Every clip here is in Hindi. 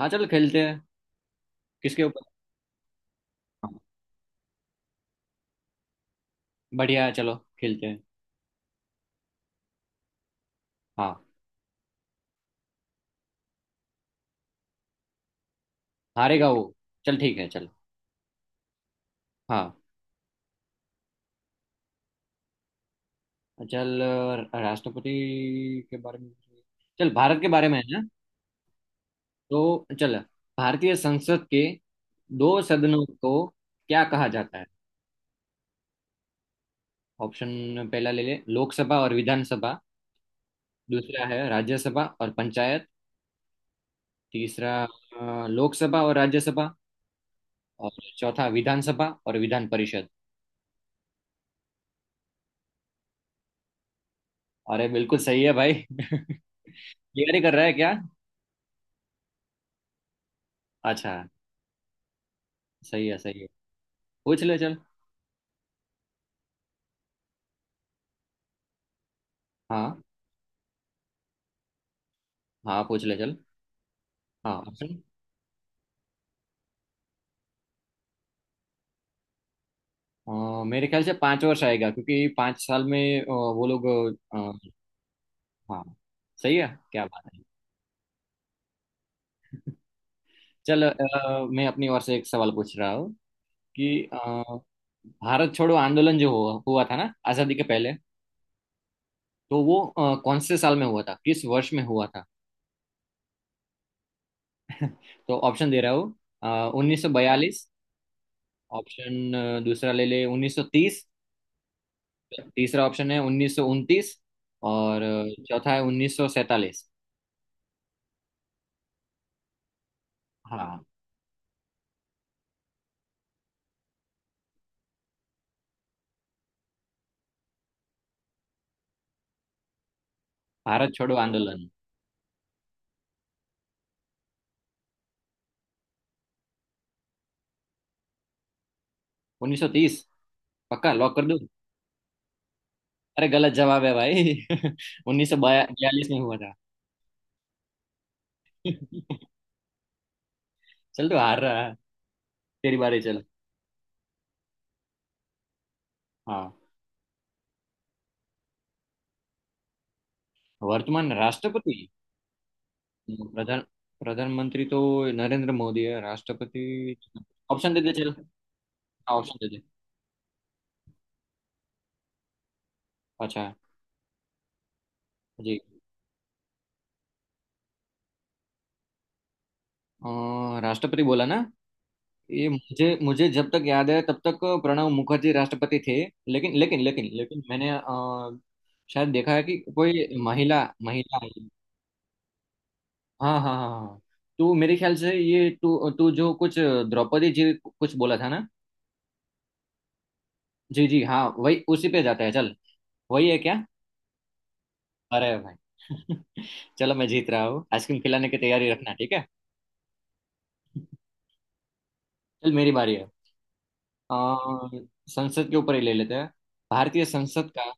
हाँ, चलो खेलते हैं। किसके ऊपर? हाँ, बढ़िया है। चलो खेलते हैं। हाँ, हारेगा वो। चल, ठीक है, चल। हाँ, चल। राष्ट्रपति के बारे में। चल, भारत के बारे में है ना। तो चल, भारतीय संसद के दो सदनों को क्या कहा जाता है? ऑप्शन। पहला ले ले — लोकसभा और विधानसभा। दूसरा है राज्यसभा और पंचायत। तीसरा, लोकसभा और राज्यसभा। और चौथा विधानसभा और विधान परिषद। अरे बिल्कुल सही है, भाई। क्लियर ही कर रहा है क्या? अच्छा, सही है, सही है। पूछ ले चल। हाँ, हाँ, पूछ ले चल। हाँ, ऑप्शन। मेरे ख्याल से 5 वर्ष आएगा, क्योंकि 5 साल में वो लोग… अ, हाँ, सही है। क्या बात है! चल, मैं अपनी ओर से एक सवाल पूछ रहा हूँ कि अ, भारत छोड़ो आंदोलन जो हुआ हुआ था ना आज़ादी के पहले। तो वो कौन से साल में हुआ था, किस वर्ष में हुआ था? तो ऑप्शन दे रहा हूँ — 1942। ऑप्शन दूसरा ले ले 1930। तीसरा ऑप्शन है 1929। और चौथा है 1947। हाँ, भारत छोड़ो आंदोलन 1930, पक्का लॉक कर दूं? अरे गलत जवाब है, भाई। 1942 में हुआ था। चल, तो हार रहा है। तेरी बारी, चल। हाँ, वर्तमान राष्ट्रपति। प्रधान प्रधानमंत्री तो नरेंद्र मोदी है, राष्ट्रपति। ऑप्शन दे दे चल। हाँ, ऑप्शन दे दे। अच्छा। जी। राष्ट्रपति बोला ना। ये मुझे मुझे जब तक याद है तब तक प्रणब मुखर्जी राष्ट्रपति थे। लेकिन लेकिन लेकिन लेकिन मैंने शायद देखा है कि कोई महिला महिला आई। हाँ, हाँ, हाँ, हाँ। तो मेरे ख्याल से ये तू तू जो कुछ द्रौपदी जी कुछ बोला था ना। जी, जी, हाँ, वही उसी पे जाता है, चल। वही है क्या? अरे भाई। चलो, मैं जीत रहा हूँ, आइसक्रीम खिलाने की तैयारी रखना, ठीक है। चल, मेरी बारी है। अ, संसद के ऊपर ही ले लेते हैं। भारतीय संसद का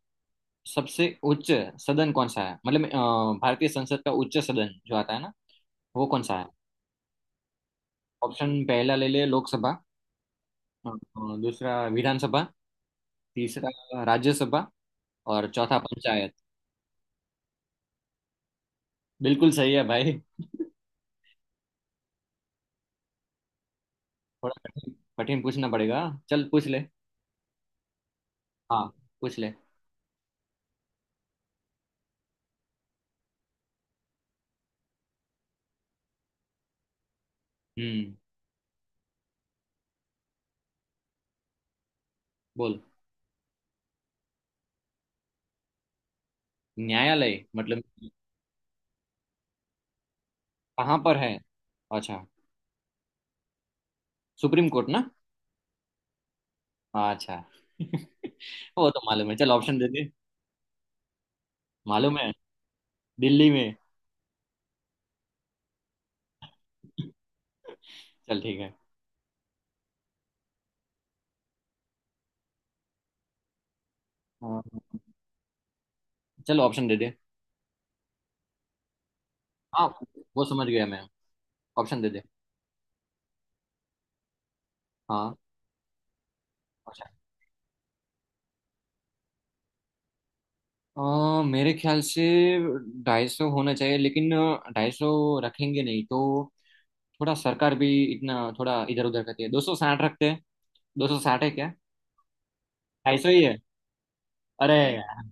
सबसे उच्च सदन कौन सा है? मतलब भारतीय संसद का उच्च सदन जो आता है ना, वो कौन सा है? ऑप्शन। पहला ले ले — लोकसभा। दूसरा विधानसभा। तीसरा राज्यसभा। और चौथा पंचायत। बिल्कुल सही है, भाई। थोड़ा कठिन। कठिन पूछना पड़ेगा। चल, पूछ ले। हाँ, पूछ ले। हम्म बोल। न्यायालय मतलब कहाँ पर है? अच्छा। सुप्रीम कोर्ट ना? अच्छा। वो तो मालूम है, चल, ऑप्शन दे दे। मालूम है। दिल्ली में। चल, ठीक है। हाँ। चलो, ऑप्शन दे दे। हाँ, वो समझ गया मैं। ऑप्शन दे दे। हाँ। अच्छा। मेरे ख्याल से 250 होना चाहिए, लेकिन 250 रखेंगे नहीं, तो थोड़ा सरकार भी इतना थोड़ा इधर उधर करती है। 260 रखते हैं। 260 है क्या? 250 ही है? अरे यार।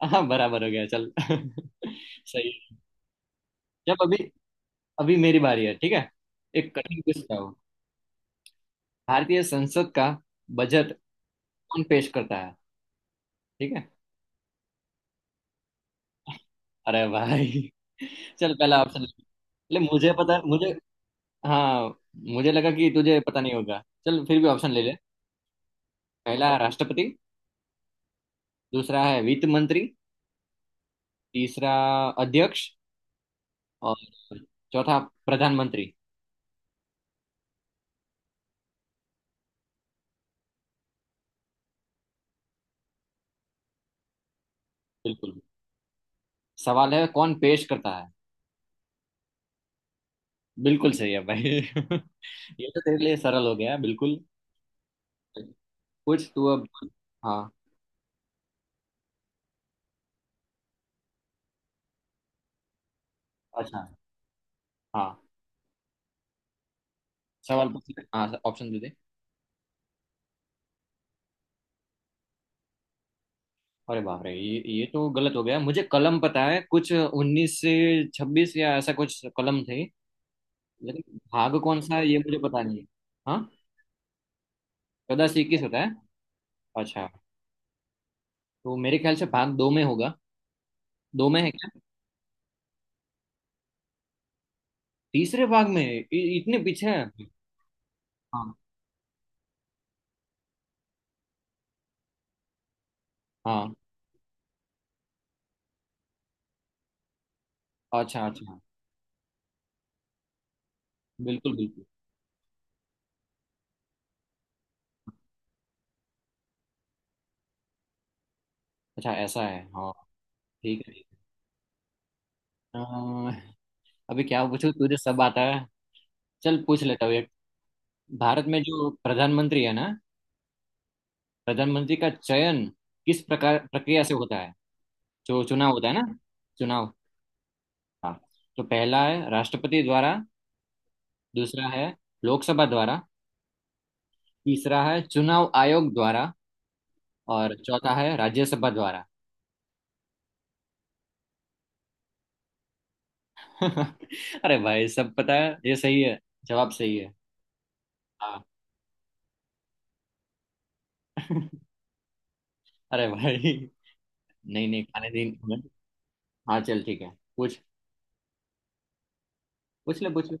हाँ, बराबर हो गया, चल। सही है। जब अभी अभी मेरी बारी है, ठीक है। एक कठिन पूछता हूँ। भारतीय संसद का बजट कौन पेश करता है? ठीक है। अरे भाई। चल, पहला ऑप्शन ले। मुझे पता, मुझे। हाँ, मुझे लगा कि तुझे पता नहीं होगा। चल, फिर भी ऑप्शन ले ले। पहला राष्ट्रपति। दूसरा है वित्त मंत्री। तीसरा अध्यक्ष। और चौथा प्रधानमंत्री। बिल्कुल। सवाल है कौन पेश करता है। बिल्कुल सही है, भाई। ये तो तेरे लिए सरल हो गया, बिल्कुल। कुछ तू अब। हाँ। अच्छा। हाँ, सवाल पूछ ले। हाँ, ऑप्शन दे दे। अरे बाप रे, ये तो गलत हो गया। मुझे कलम पता है कुछ 19 से 26 या ऐसा कुछ कलम थे। लेकिन भाग कौन सा है ये मुझे पता नहीं है। हाँ, 14 से 21 होता है। अच्छा। तो मेरे ख्याल से भाग दो में होगा। दो में है क्या? तीसरे भाग में इतने पीछे है? हाँ, हाँ। अच्छा, अच्छा। बिल्कुल, बिल्कुल। अच्छा, ऐसा है, हाँ। ठीक है। अ, अभी क्या पूछूं, तुझे सब आता है। चल, पूछ लेता हूँ एक। भारत में जो प्रधानमंत्री है ना, प्रधानमंत्री का चयन किस प्रकार प्रक्रिया से होता है? जो चुनाव होता है ना, चुनाव। हाँ। तो पहला है राष्ट्रपति द्वारा। दूसरा है लोकसभा द्वारा। तीसरा है चुनाव आयोग द्वारा। और चौथा है राज्यसभा द्वारा। अरे भाई, सब पता है, ये सही है। जवाब सही है। हाँ। अरे भाई, नहीं नहीं, खाने दिन। हाँ, चल ठीक है। पूछ, पूछ ले, पूछ ले।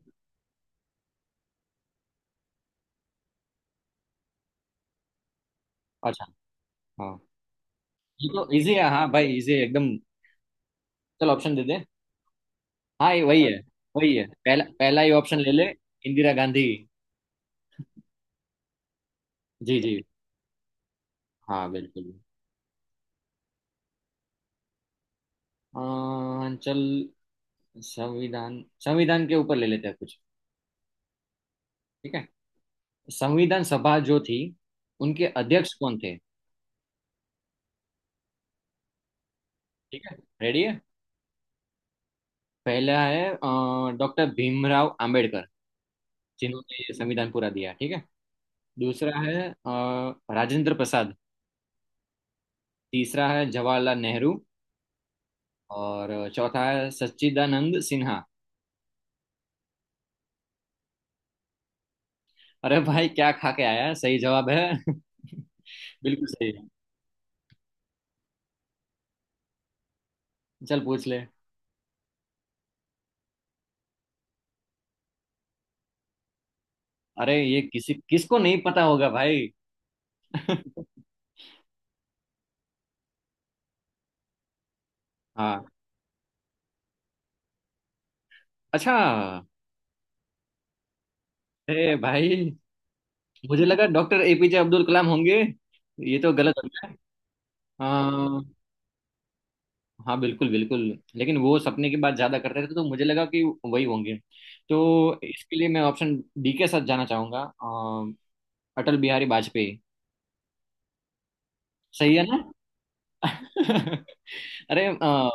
अच्छा। हाँ, ये तो इजी है, हाँ, भाई इजी है एकदम। चल, ऑप्शन दे दे। हाँ, ये वही है। वही है पहला, पहला ही ऑप्शन ले ले — इंदिरा गांधी। जी, जी, हाँ, बिल्कुल। चल। संविधान, संविधान के ऊपर ले लेते हैं कुछ। ठीक है। संविधान सभा जो थी, उनके अध्यक्ष कौन थे? ठीक है। रेडी है? पहला है डॉक्टर भीमराव आंबेडकर, जिन्होंने ये संविधान पूरा दिया, ठीक है। दूसरा है राजेंद्र प्रसाद। तीसरा है जवाहरलाल नेहरू। और चौथा है सच्चिदानंद सिन्हा। अरे भाई, क्या खा के आया है? सही जवाब है। बिल्कुल सही है। चल, पूछ ले। अरे, ये किसी किसको नहीं पता होगा, भाई। हाँ। अच्छा। ए भाई, मुझे लगा डॉक्टर एपीजे अब्दुल कलाम होंगे। ये तो गलत हो गया। हाँ, हाँ, बिल्कुल, बिल्कुल। लेकिन वो सपने की बात ज्यादा करते थे, तो मुझे लगा कि वही होंगे। तो इसके लिए मैं ऑप्शन डी के साथ जाना चाहूंगा, अटल बिहारी वाजपेयी। सही है ना? अरे,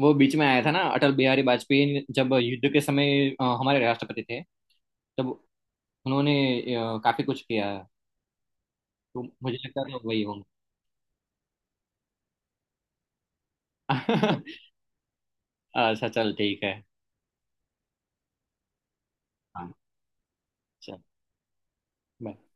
वो बीच में आया था ना, अटल बिहारी वाजपेयी, जब युद्ध के समय हमारे राष्ट्रपति थे, तब उन्होंने काफी कुछ किया। तो मुझे लगता है वही होंगे। अच्छा, चल ठीक है। हाँ, चल। bye.